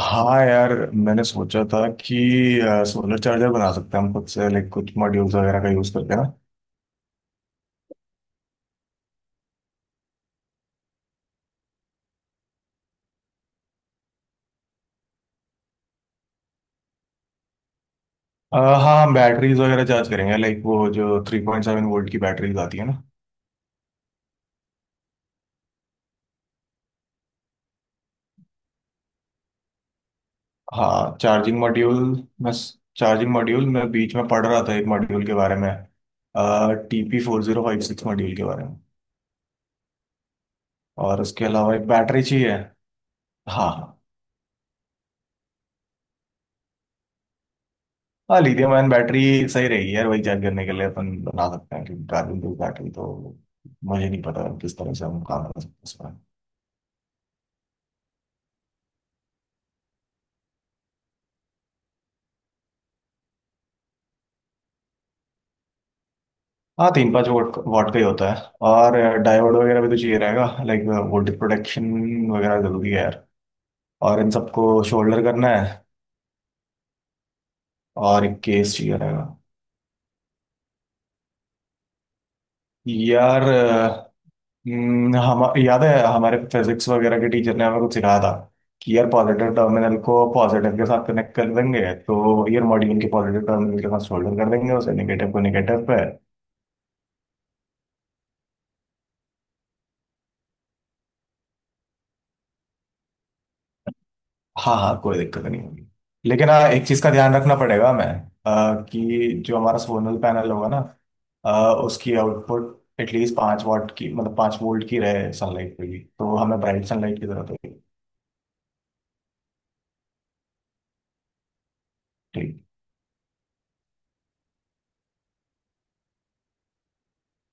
हाँ यार मैंने सोचा था कि सोलर चार्जर बना सकते हैं हम खुद से लाइक कुछ मॉड्यूल्स वगैरह का यूज़ करके ना। हाँ, हम बैटरीज वगैरह चार्ज करेंगे लाइक वो जो 3.7 वोल्ट की बैटरीज आती है ना। हाँ, मैं चार्जिंग मॉड्यूल मैं बीच में पढ़ रहा था एक मॉड्यूल के बारे में। TP4056 मॉड्यूल के बारे में। और उसके अलावा एक बैटरी चाहिए। हाँ। हाँ, लिथियम आयन बैटरी सही रहेगी यार, वही चार्ज करने के लिए अपन बना सकते हैं क्योंकि कार्बन टू बैटरी तो मुझे नहीं पता किस तरह से हम काम कर सकते हैं उसमें। हाँ तीन पाँच वोट वोट का ही होता है। और डायोड वगैरह भी तो चाहिए रहेगा, लाइक वोल्टेज प्रोटेक्शन वगैरह जरूरी है यार। और इन सबको शोल्डर करना है। और एक केस चाहिए रहेगा यार। हम याद है, हमारे फिजिक्स वगैरह के टीचर ने हमें कुछ सिखाया था कि यार पॉजिटिव टर्मिनल को पॉजिटिव के साथ कनेक्ट कर देंगे, तो यार मॉड्यूल के पॉजिटिव टर्मिनल के साथ सोल्डर कर देंगे उसे, नेगेटिव को नेगेटिव पे। हाँ हाँ, कोई दिक्कत नहीं होगी। लेकिन हाँ, एक चीज का ध्यान रखना पड़ेगा हमें, कि जो हमारा सोलर पैनल होगा ना। अ, उसकी आउटपुट एटलीस्ट 5 वाट की, मतलब 5 वोल्ट की रहे सनलाइट पे भी, तो हमें ब्राइट सनलाइट की जरूरत होगी। ठीक।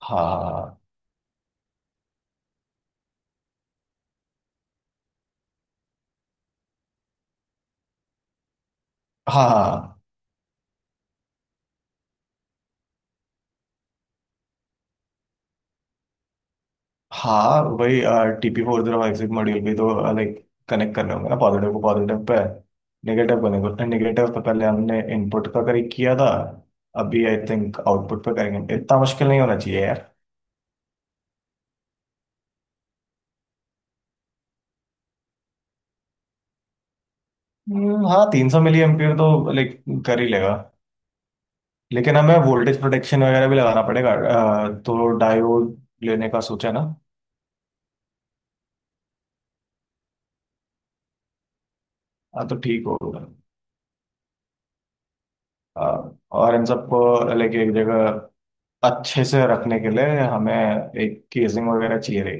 हाँ हाँ हाँ। हाँ, हाँ। हाँ वही। TP4056 मॉड्यूल भी तो लाइक कनेक्ट करने होंगे ना, पॉजिटिव को पॉजिटिव पे, नेगेटिव को नेगेटिव नेगेटिव। तो पहले हमने इनपुट का करेक्ट किया था, अभी आई थिंक आउटपुट पे करेंगे, इतना मुश्किल नहीं होना चाहिए यार। हाँ, 300 मिली एम्पियर तो लाइक कर ही लेगा। लेकिन हमें वोल्टेज प्रोटेक्शन वगैरह भी लगाना पड़ेगा, तो डायोड लेने का सोचा ना। हाँ तो ठीक होगा। और इन सबको लाइक एक जगह अच्छे से रखने के लिए हमें एक केसिंग वगैरह चाहिए।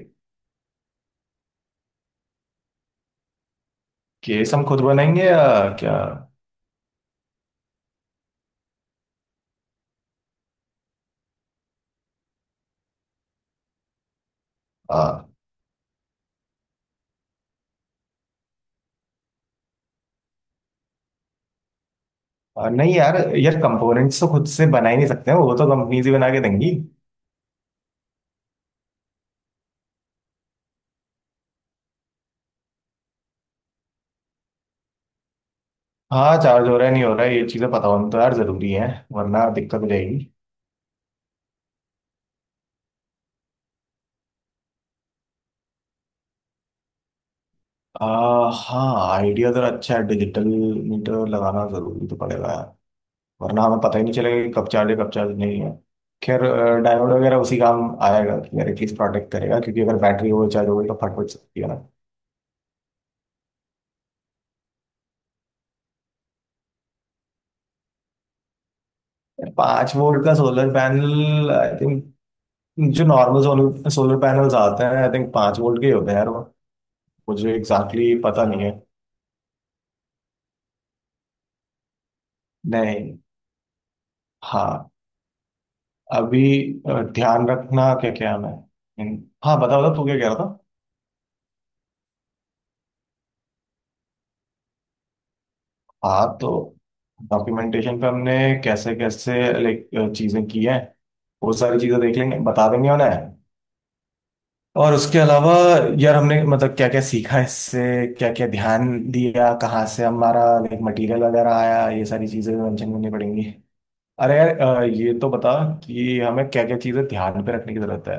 केस हम खुद बनाएंगे या क्या? आ, आ, नहीं यार, कंपोनेंट्स तो खुद से बना ही नहीं सकते हैं, वो तो कंपनीज ही बना के देंगी। हाँ चार्ज हो रहा है नहीं हो रहा है ये चीज़ें पता होना तो यार ज़रूरी है, वरना दिक्कत हो जाएगी। आ, हाँ आइडिया तो अच्छा है, डिजिटल मीटर लगाना ज़रूरी तो पड़ेगा यार, वरना हमें पता ही नहीं चलेगा कि कब चार्ज है कब चार्ज नहीं है। खैर डायोड वगैरह उसी काम आएगा कि यार एटलीस्ट प्रोटेक्ट करेगा, क्योंकि अगर बैटरी ओवर चार्ज हो गई तो फट फट सकती है ना। पाँच वोल्ट का सोलर पैनल आई थिंक, जो नॉर्मल सोलर सोलर पैनल्स आते हैं आई थिंक पांच वोल्ट के ही होते हैं यार वो। मुझे एग्जैक्टली पता नहीं है। नहीं। हाँ। अभी ध्यान रखना क्या क्या है। हम्म, हाँ बता बता तू क्या कह रहा था। हाँ, तो डॉक्यूमेंटेशन पे हमने कैसे कैसे लाइक चीजें की हैं, वो सारी चीजें देख लेंगे बता देंगे उन्हें। और उसके अलावा यार हमने मतलब क्या क्या सीखा इससे, क्या क्या ध्यान दिया, कहाँ से हमारा लाइक मटेरियल वगैरह आया, ये सारी चीजें मेंशन करनी पड़ेंगी। अरे यार, ये तो बता कि हमें क्या क्या चीजें ध्यान पे रखने की जरूरत है।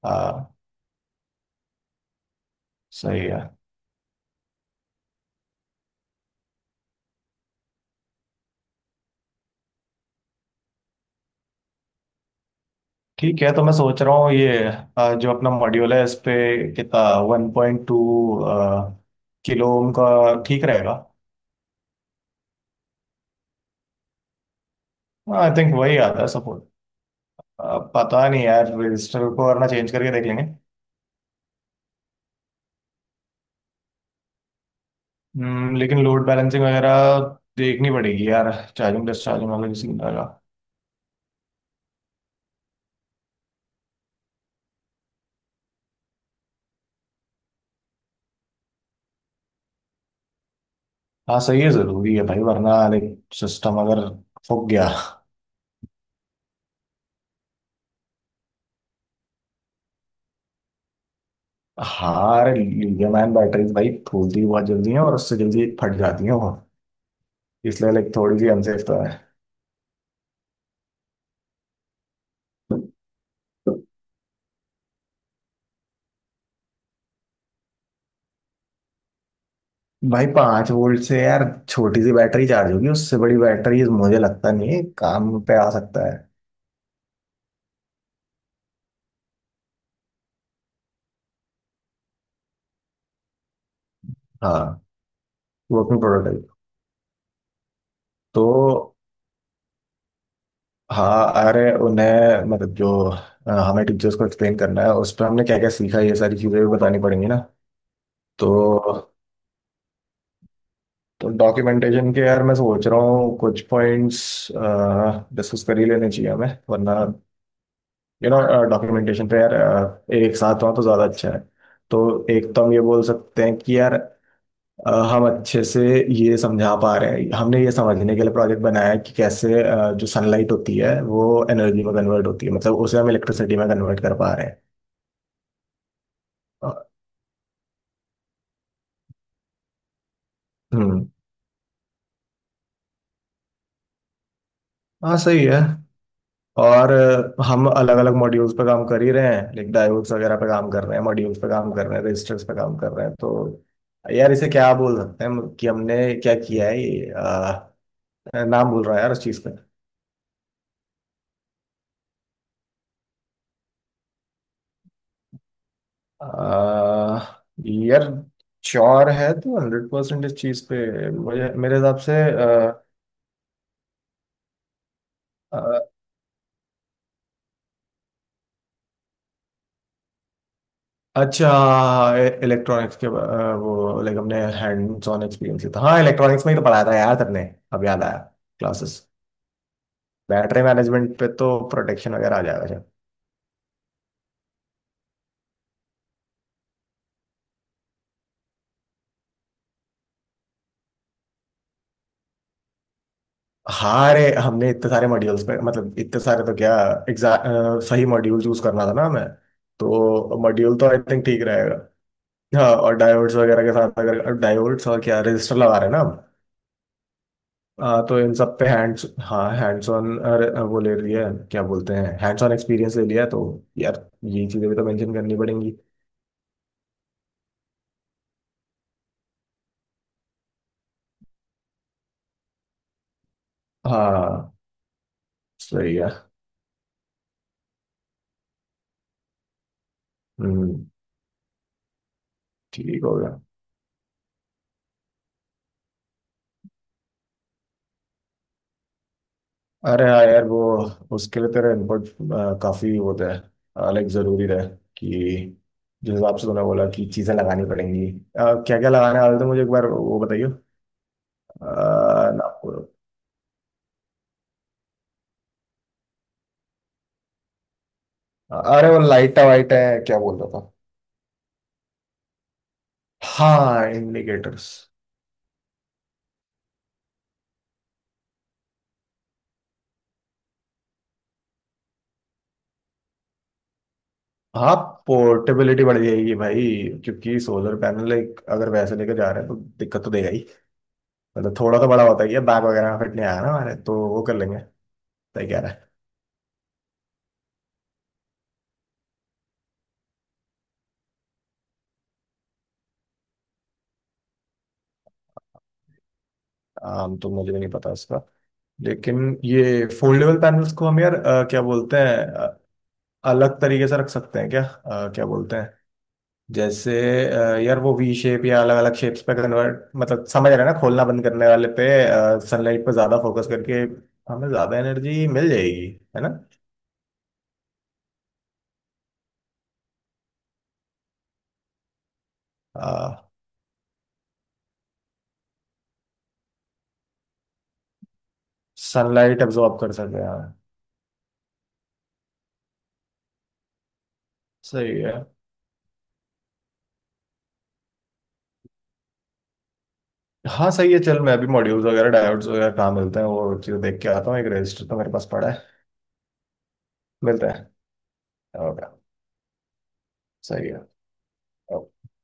आ, सही है। ठीक है, तो मैं सोच रहा हूँ ये जो अपना मॉड्यूल है इस पे कितना, 1.2 किलो ओम का ठीक रहेगा। आई थिंक वही आता है सपोर्ट, पता नहीं यार रजिस्टर को, वरना चेंज करके देख लेंगे। लेकिन लोड बैलेंसिंग वगैरह देखनी पड़ेगी यार, चार्जिंग डिस्चार्जिंग वाला किसी का। हाँ सही है, जरूरी है भाई, वरना सिस्टम अगर फूक गया। हार लिथियम आयन बैटरीज भाई फूलती भी बहुत जल्दी है और उससे जल्दी फट जाती है वो, इसलिए लाइक थोड़ी सी अनसेफ तो है। भाई 5 वोल्ट से यार छोटी सी बैटरी चार्ज होगी, उससे बड़ी बैटरी मुझे लगता नहीं है, काम पे आ सकता है। हाँ। वो अपनी प्रोटोटाइप। तो हाँ, अरे उन्हें मतलब जो हमें टीचर्स को एक्सप्लेन करना है उस पर हमने क्या क्या सीखा ये सारी चीजें भी बतानी पड़ेंगी ना। तो डॉक्यूमेंटेशन के यार मैं सोच रहा हूँ कुछ पॉइंट्स डिस्कस कर ही लेने चाहिए हमें, वरना यू नो डॉक्यूमेंटेशन पे यार एक साथ हुआ तो ज़्यादा अच्छा है। तो एक तो हम ये बोल सकते हैं कि यार, हम अच्छे से ये समझा पा रहे हैं, हमने ये समझने के लिए प्रोजेक्ट बनाया है कि कैसे जो सनलाइट होती है वो एनर्जी में कन्वर्ट होती है, मतलब उसे हम इलेक्ट्रिसिटी में कन्वर्ट कर पा रहे हैं। अ, हम्म, हाँ सही है। और हम अलग अलग मॉड्यूल्स पे काम कर ही रहे हैं, लाइक डायोड्स वगैरह पे काम कर रहे हैं, मॉड्यूल्स पे काम कर रहे हैं, रजिस्टर्स पे काम कर रहे हैं, तो यार इसे क्या बोल सकते हैं हम कि हमने क्या किया है। नाम भूल रहा है यार उस चीज का। अह, यार श्योर है, तो 100% इस चीज पे मुझे, मेरे हिसाब से, अह, अह, अच्छा। इलेक्ट्रॉनिक्स के वो लाइक हमने हैंड्स ऑन एक्सपीरियंस था, हाँ इलेक्ट्रॉनिक्स में ही तो पढ़ाया था यार सबने, अब याद आया। क्लासेस। बैटरी मैनेजमेंट पे तो प्रोटेक्शन वगैरह आ जाएगा शायद। हाँ। अरे हमने इतने सारे मॉड्यूल्स पे, मतलब इतने सारे तो क्या, एग्जैक्ट सही मॉड्यूल चूज करना था ना हमें, तो मॉड्यूल तो आई थिंक ठीक रहेगा। हाँ, और डायोड्स वगैरह के साथ, अगर डायोड्स और क्या रजिस्टर लगा रहे हैं ना आप, तो इन सब पे हैंड्स, हाँ, हैंड्स ऑन वो ले रही है, क्या बोलते हैं, हैंड्स ऑन एक्सपीरियंस ले लिया, तो यार ये चीज़ें भी तो मेंशन करनी पड़ेंगी। हाँ सही है। हम्म, ठीक हो गया। अरे हाँ यार वो उसके लिए तेरा इनपुट काफ़ी होता है, लाइक ज़रूरी रहे कि जिस हिसाब से तूने बोला कि चीज़ें लगानी पड़ेंगी, क्या क्या लगाने वाले थे मुझे एक बार वो बताइए। अ, ना, अरे वो लाइटा वाइटा है, क्या बोल रहा था। हाँ, इंडिकेटर्स। हाँ पोर्टेबिलिटी बढ़ जाएगी भाई, क्योंकि सोलर पैनल एक अगर वैसे लेके जा रहे हैं तो दिक्कत तो देगा ही। मतलब थोड़ा तो बड़ा होता ही है, बैग वगैरह में फिट नहीं आया ना हमारे, तो वो कर लेंगे। सही कह रहा है। आम तो मुझे भी नहीं पता इसका। लेकिन ये फोल्डेबल पैनल्स को हम यार, क्या बोलते हैं, अलग तरीके से रख सकते हैं क्या? क्या बोलते हैं, जैसे, यार वो वी शेप या अलग अलग शेप्स पे कन्वर्ट, मतलब समझ रहे हैं ना, खोलना बंद करने वाले पे, सनलाइट पर ज्यादा फोकस करके हमें ज्यादा एनर्जी मिल जाएगी। है ना। सनलाइट एब्जॉर्ब कर सके, हाँ। सही है। हाँ सही है, चल मैं अभी मॉड्यूल्स वगैरह डायोड्स वगैरह कहाँ मिलते हैं वो चीज़ देख के आता हूँ, एक रजिस्टर तो मेरे पास पड़ा है। मिलता है। ओके। सही है।